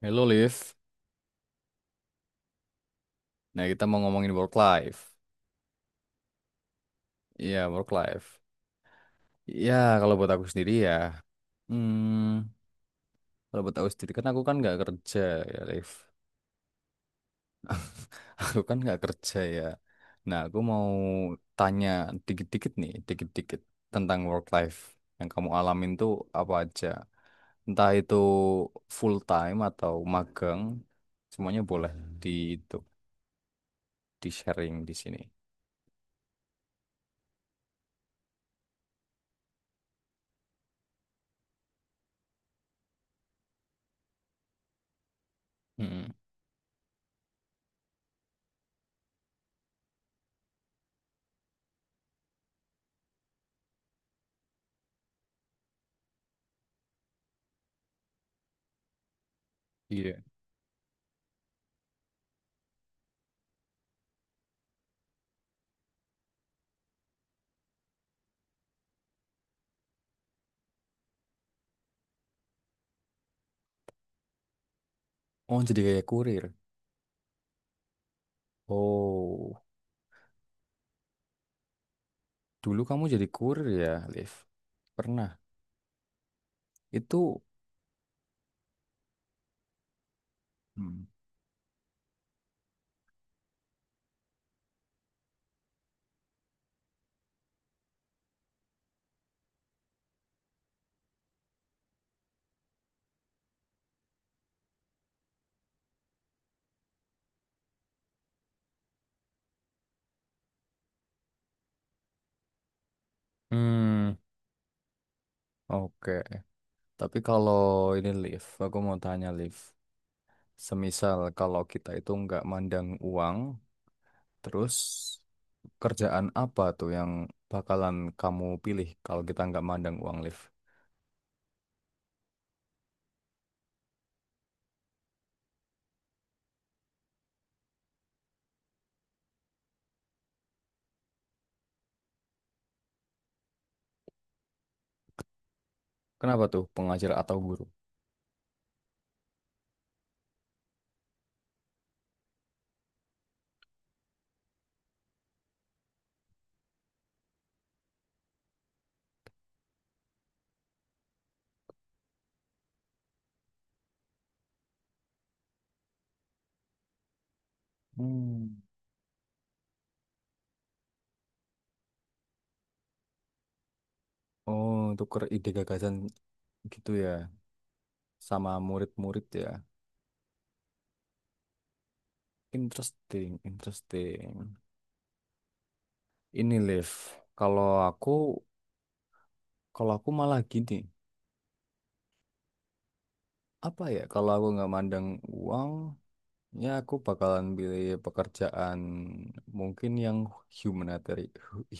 Hello Liv, nah kita mau ngomongin work life. Iya work life. Iya, kalau buat aku sendiri ya, hmm, kalau buat aku sendiri kan aku kan nggak kerja ya Liv. Aku kan nggak kerja ya. Nah aku mau tanya dikit-dikit nih, dikit-dikit tentang work life yang kamu alamin tuh apa aja. Entah itu full time atau magang, semuanya boleh di itu di sharing di sini. Mm-mm. Iya. Oh jadi kayak kurir. Oh, dulu kamu jadi kurir ya, Liv? Pernah. Itu, Hmm. Hmm, oke. Tapi kalau ini Liv, aku mau tanya Liv. Semisal kalau kita itu nggak mandang uang, terus kerjaan apa tuh yang bakalan kamu pilih kalau kita nggak mandang uang, Liv? Kenapa tuh, pengajar atau guru? Hmm. Oh, tuker ide gagasan gitu ya, sama murid-murid ya. Interesting, interesting. Ini Liv, kalau aku kalau aku malah gini, apa ya? Kalau aku nggak mandang uang, ya aku bakalan pilih pekerjaan mungkin yang humanitarian,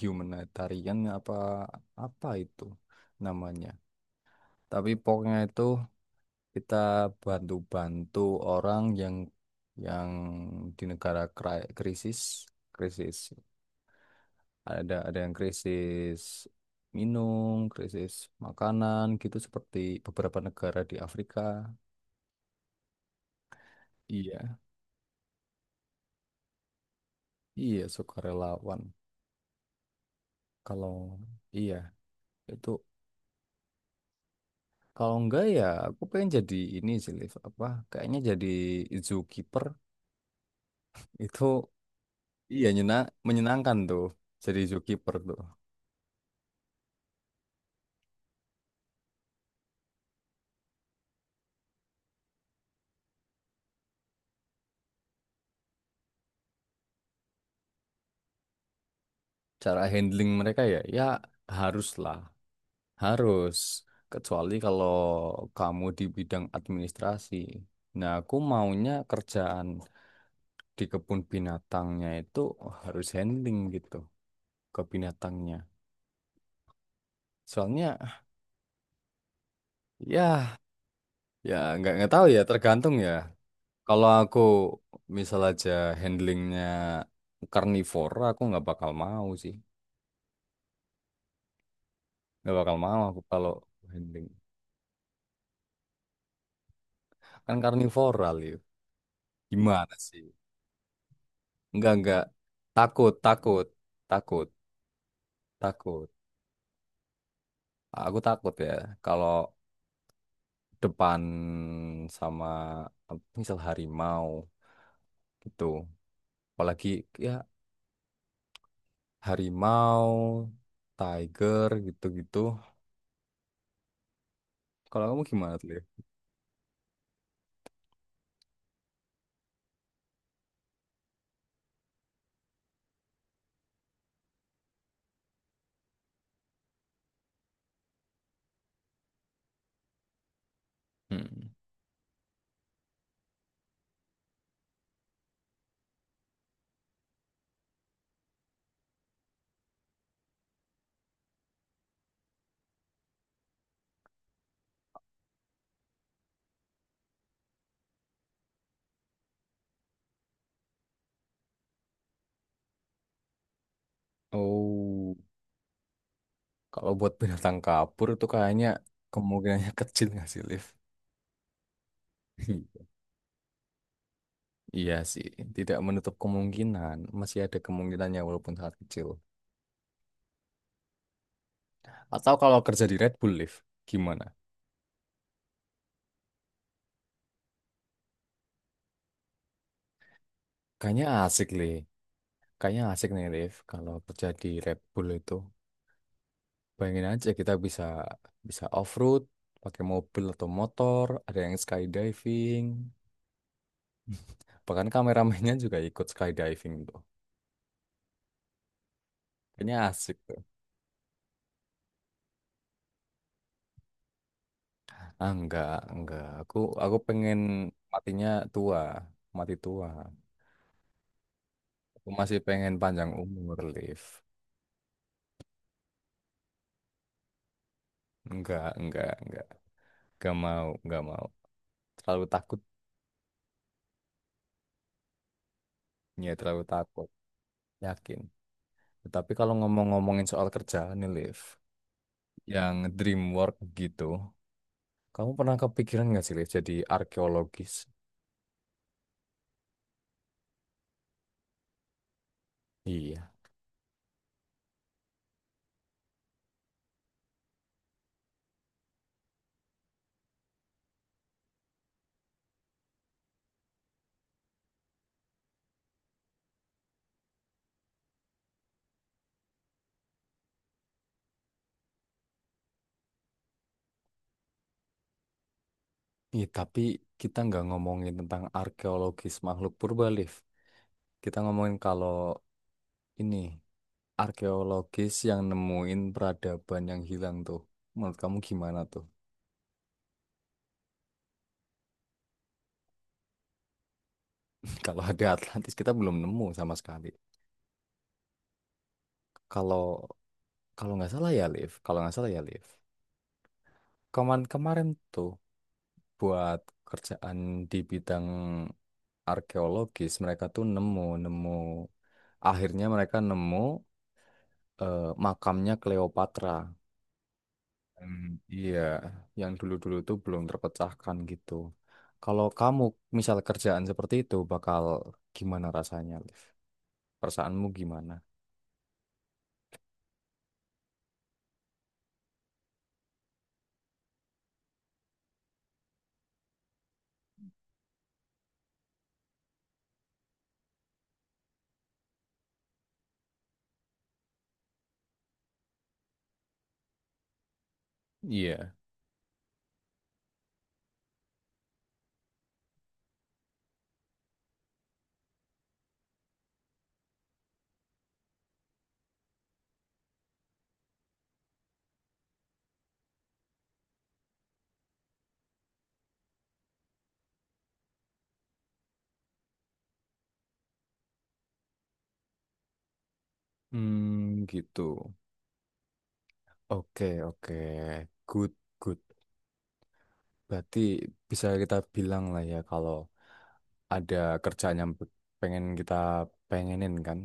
humanitarian apa apa itu namanya. Tapi pokoknya itu kita bantu-bantu orang yang di negara krisis krisis. Ada yang krisis minum, krisis makanan gitu seperti beberapa negara di Afrika. Iya, iya sukarelawan. Kalau iya itu kalau enggak ya aku pengen jadi ini sih Liv apa kayaknya jadi zookeeper itu iya nyena menyenangkan tuh jadi zookeeper tuh. Cara handling mereka ya ya harus lah. Harus, kecuali kalau kamu di bidang administrasi. Nah, aku maunya kerjaan di kebun binatangnya itu harus handling gitu ke binatangnya. Soalnya ya ya nggak tahu ya tergantung ya. Kalau aku misal aja handlingnya karnivora, aku nggak bakal mau sih. Nggak bakal mau aku kalau handling kan karnivora, Liu. Gimana sih? Nggak takut takut takut takut. Aku takut ya kalau depan sama apa, misal harimau gitu. Apalagi ya harimau, tiger gitu-gitu. Kalau kamu gimana tuh, Liv? Hmm. Oh, kalau buat binatang kapur itu kayaknya kemungkinannya kecil nggak sih, Liv? Iya, Iya sih, tidak menutup kemungkinan. Masih ada kemungkinannya walaupun sangat kecil. Atau kalau kerja di Red Bull, Liv, gimana? Kayaknya asik, Liv. Kayaknya asik nih, Liv. Kalau kerja di Red Bull itu, bayangin aja kita bisa bisa off-road, pakai mobil atau motor, ada yang skydiving, bahkan kameramennya juga ikut skydiving tuh. Kayaknya asik tuh. Ah, enggak, enggak. Aku pengen matinya tua, mati tua. Aku masih pengen panjang umur, Liv. Enggak, enggak. Enggak mau, enggak mau. Terlalu takut, ya terlalu takut. Yakin. Tapi kalau ngomong-ngomongin soal kerjaan nih, Liv, yang dream work gitu. Kamu pernah kepikiran nggak sih, Liv, jadi arkeologis? Iya. Iya, tapi kita nggak ngomongin tentang arkeologis makhluk purba, Liv. Kita ngomongin kalau ini, arkeologis yang nemuin peradaban yang hilang tuh. Menurut kamu gimana tuh? Kalau ada Atlantis, kita belum nemu sama sekali. Kalau kalau nggak salah ya, Liv. Kalau nggak salah ya, Liv. Kemarin-kemarin tuh buat kerjaan di bidang arkeologis mereka tuh nemu nemu akhirnya mereka nemu makamnya Cleopatra. Hmm, iya, yang dulu-dulu tuh belum terpecahkan gitu. Kalau kamu misal kerjaan seperti itu bakal gimana rasanya, Liv? Perasaanmu gimana? Iya. Hmm, gitu, oke oke, good, good. Berarti bisa kita bilang lah ya kalau ada kerjaan yang pengen kita pengenin kan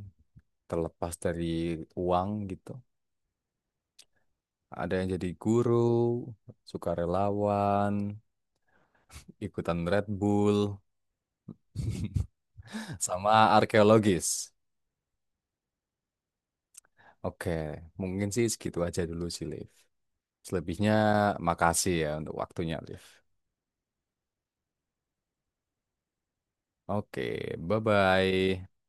terlepas dari uang gitu. Ada yang jadi guru, sukarelawan, ikutan Red Bull, sama arkeologis. Oke, mungkin sih segitu aja dulu sih, Liv. Selebihnya makasih ya untuk waktunya, Liv. Oke, bye-bye.